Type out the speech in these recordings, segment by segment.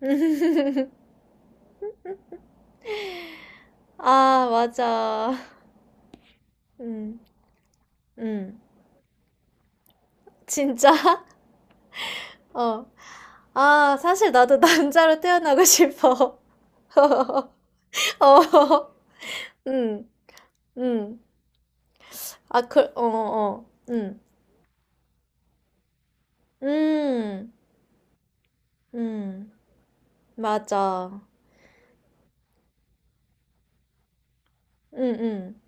아, 맞아. 음, 음. 진짜? 어. 아, 사실 나도 남자로 태어나고 싶어. 어, 음, 음. 아, 그, 어, 어, 어. 음. 음, 음. 맞아. 음, 음.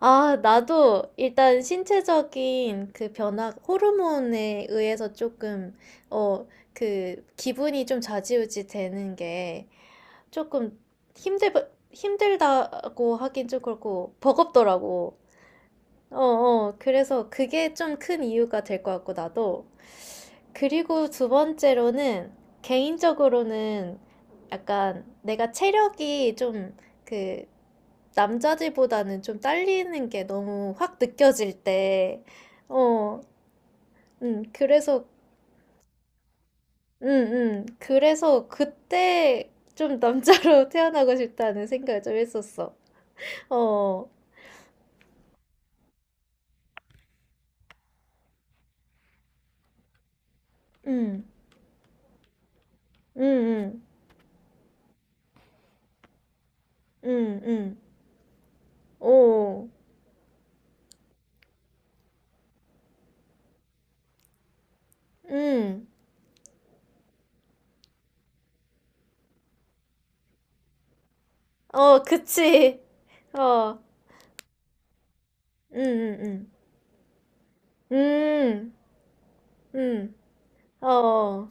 아, 나도 일단 신체적인 그 변화, 호르몬에 의해서 조금, 어, 기분이 좀 좌지우지 되는 게, 조금 힘들, 힘들다고 하긴 좀 그렇고, 버겁더라고. 어, 어. 그래서 그게 좀 큰 이유가 될 것 같고, 나도. 그리고 두 번째로는, 개인적으로는 약간 내가 체력이 좀 그, 남자들보다는 좀 딸리는 게 너무 확 느껴질 때, 어, 음, 그래서, 그래서 그때 좀 남자로 태어나고 싶다는 생각을 좀 했었어. 어, 응, 응, 응, 응, 응, 오, 응, 어, 그치, 어, 응, 응, 응, 응, 응, 어,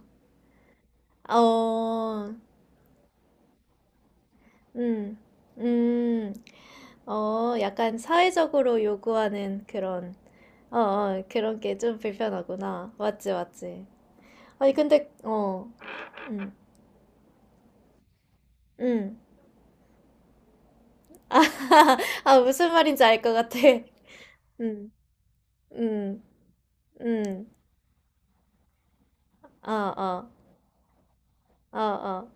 어, 응, 응, 어, 약간 사회적으로 요구하는 그런 게 좀 불편하구나. 맞지, 맞지. 아니, 근데, 어, 응, 응. 아, 무슨 말인지 알 것 같아. 응, 응, 응, 어, 어, 어, 어.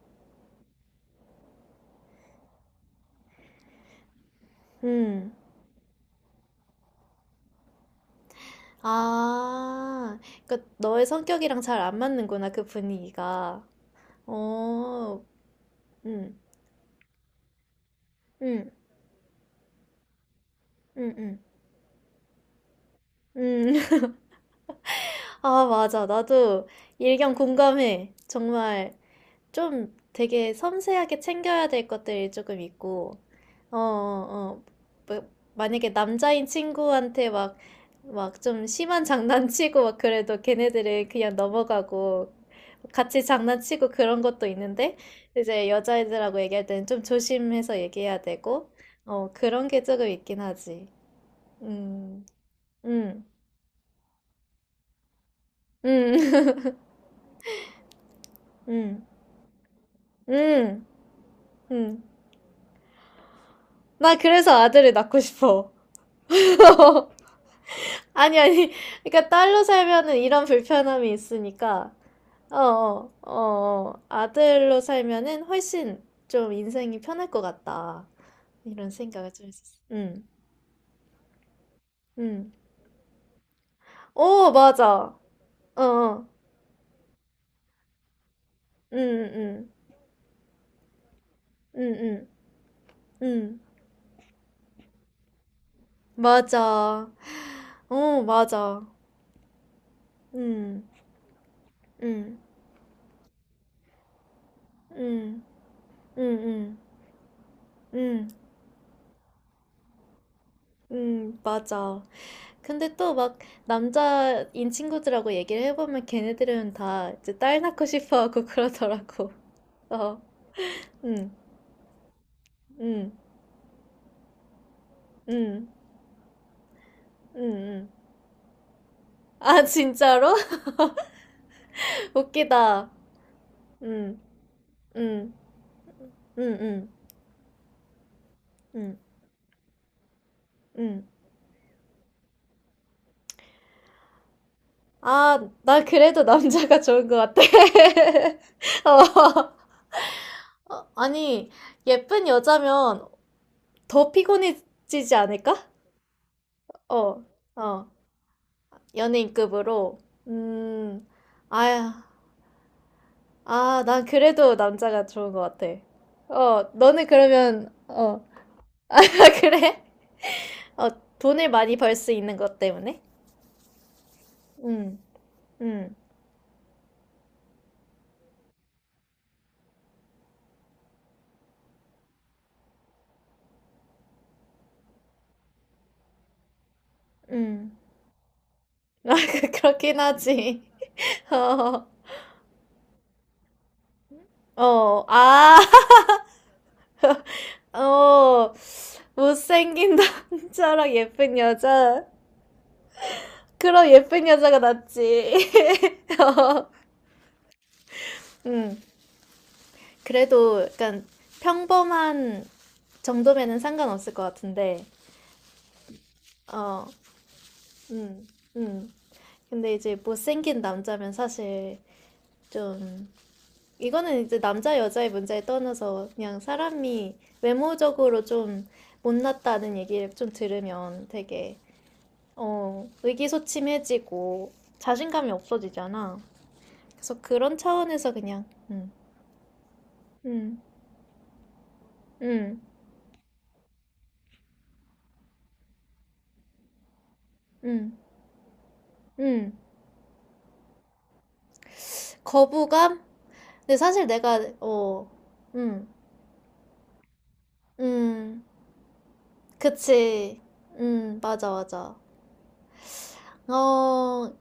음. 아, 그러니까 너의 성격이랑 잘 안 맞는구나, 그 분위기가. 어, 음, 음, 음, 음, 음. 아, 맞아. 나도 일견 공감해. 정말 좀 되게 섬세하게 챙겨야 될 것들이 조금 있고, 어, 어, 어. 뭐, 만약에 남자인 친구한테 막 좀 심한 장난치고 막 그래도 걔네들은 그냥 넘어가고, 같이 장난치고 그런 것도 있는데, 이제 여자애들하고 얘기할 때는 좀 조심해서 얘기해야 되고, 어, 그런 게 조금 있긴 하지. 음, 음, 음, 음, 음, 음. 나 그래서 아들을 낳고 싶어. 아니, 아니. 그러니까 딸로 살면은 이런 불편함이 있으니까, 어, 어, 어, 어. 아들로 살면은 훨씬 좀 인생이 편할 것 같다. 이런 생각을 좀 했었어. 응, 응. 어, 맞아. 어, 어. 응, 응, 응, 응, 응. 응. 맞아. 어, 맞아. 응, 응, 응, 응, 응, 응, 응, 맞아. 근데 또 막 남자인 친구들하고 얘기를 해보면 걔네들은 다 이제 딸 낳고 싶어 하고 그러더라고. 어, 응, 응, 응, 응, 응. 아, 진짜로? 웃기다. 응, 응, 응, 응, 응, 응. 아, 나 그래도 남자가 좋은 것 같아. 어, 어, 아니, 예쁜 여자면 더 피곤해지지 않을까? 어, 어. 연예인급으로? 음, 아야, 아, 난 그래도 남자가 좋은 것 같아. 어, 너는 그러면, 어, 아, 그래? 어, 돈을 많이 벌 수 있는 것 때문에? 음, 음, 음. 아, 그렇긴 하지. 어, 어, 아, 어, 못생긴 남자랑 예쁜 여자. 그럼 예쁜 여자가 낫지. 어, 음. 그래도 약간 평범한 정도면은 상관없을 것 같은데, 어, 음, 음. 근데 이제 못생긴 남자면 사실 좀, 이거는 이제 남자 여자의 문제에 떠나서 그냥 사람이 외모적으로 좀 못났다는 얘기를 좀 들으면 되게, 어, 의기소침해지고 자신감이 없어지잖아. 그래서 그런 차원에서 그냥, 음, 음, 음, 음, 음. 거부감? 근데 사실 내가 어, 음, 음, 그치, 맞아, 맞아. 어,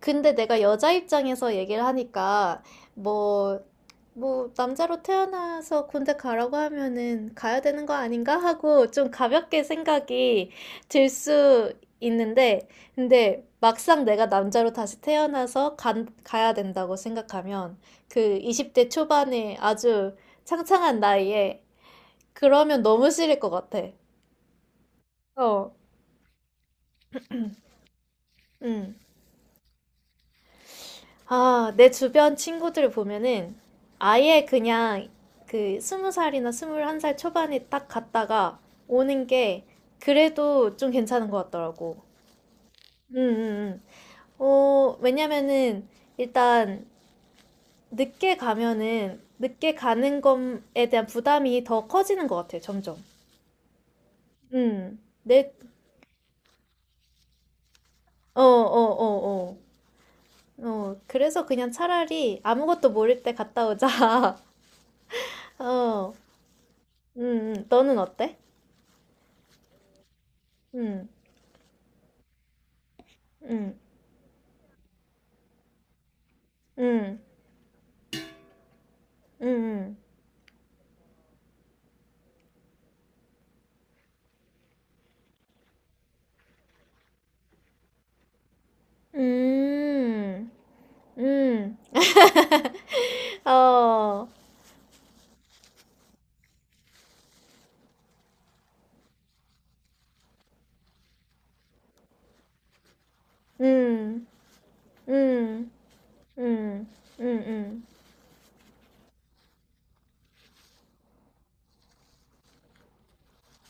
근데 내가 여자 입장에서 얘기를 하니까 뭐, 뭐 남자로 태어나서 군대 가라고 하면은 가야 되는 거 아닌가 하고 좀 가볍게 생각이 들 수 있는데, 근데 막상 내가 남자로 다시 태어나서 가야 된다고 생각하면 그 20대 초반에 아주 창창한 나이에 그러면 너무 싫을 것 같아. 어, 음. 아, 내 주변 친구들 보면은 아예 그냥 그 스무 살이나 스물한 살 초반에 딱 갔다가 오는 게 그래도 좀 괜찮은 것 같더라고. 음, 음, 음. 어, 왜냐면은 일단 늦게 가면은 늦게 가는 것에 대한 부담이 더 커지는 것 같아요, 점점. 음. 내, 어, 어, 어, 어. 어, 그래서 그냥 차라리 아무것도 모를 때 갔다 오자. 어, 너는 어때? 음, 음, 음, 음, 음, 음, 음. 어, 음, 음, 음, 음, 음,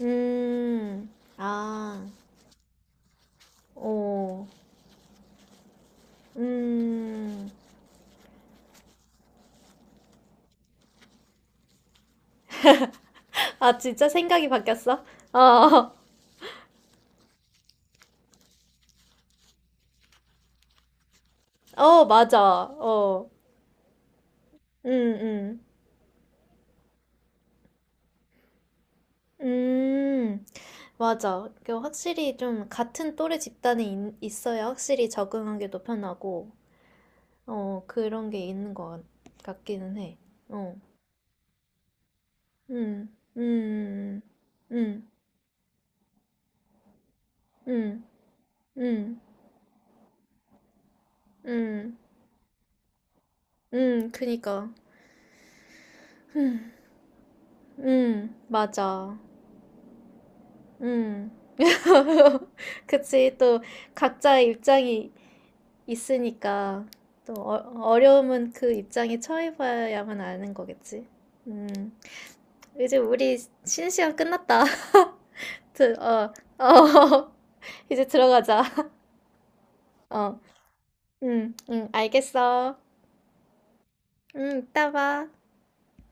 아, 오, 음. 아, 진짜 생각이 바뀌었어? 어, 어, 맞아. 어, 음, 음. 음, 맞아. 그 확실히 좀 같은 또래 집단에 있어야 확실히 적응하기도 편하고, 어, 그런 게 있는 것 같기는 해. 어, 음, 음, 음, 음, 음, 음, 음, 그니까. 맞아. 음. 그치. 또 각자의 입장이 있으니까, 또 어, 어려움은 그 입장에 처해봐야만 아는 거겠지. 음. 이제 우리 쉬는 시간 끝났다. 어, 어, 이제 들어가자. 어, 응, 응, 알겠어. 응, 이따 봐.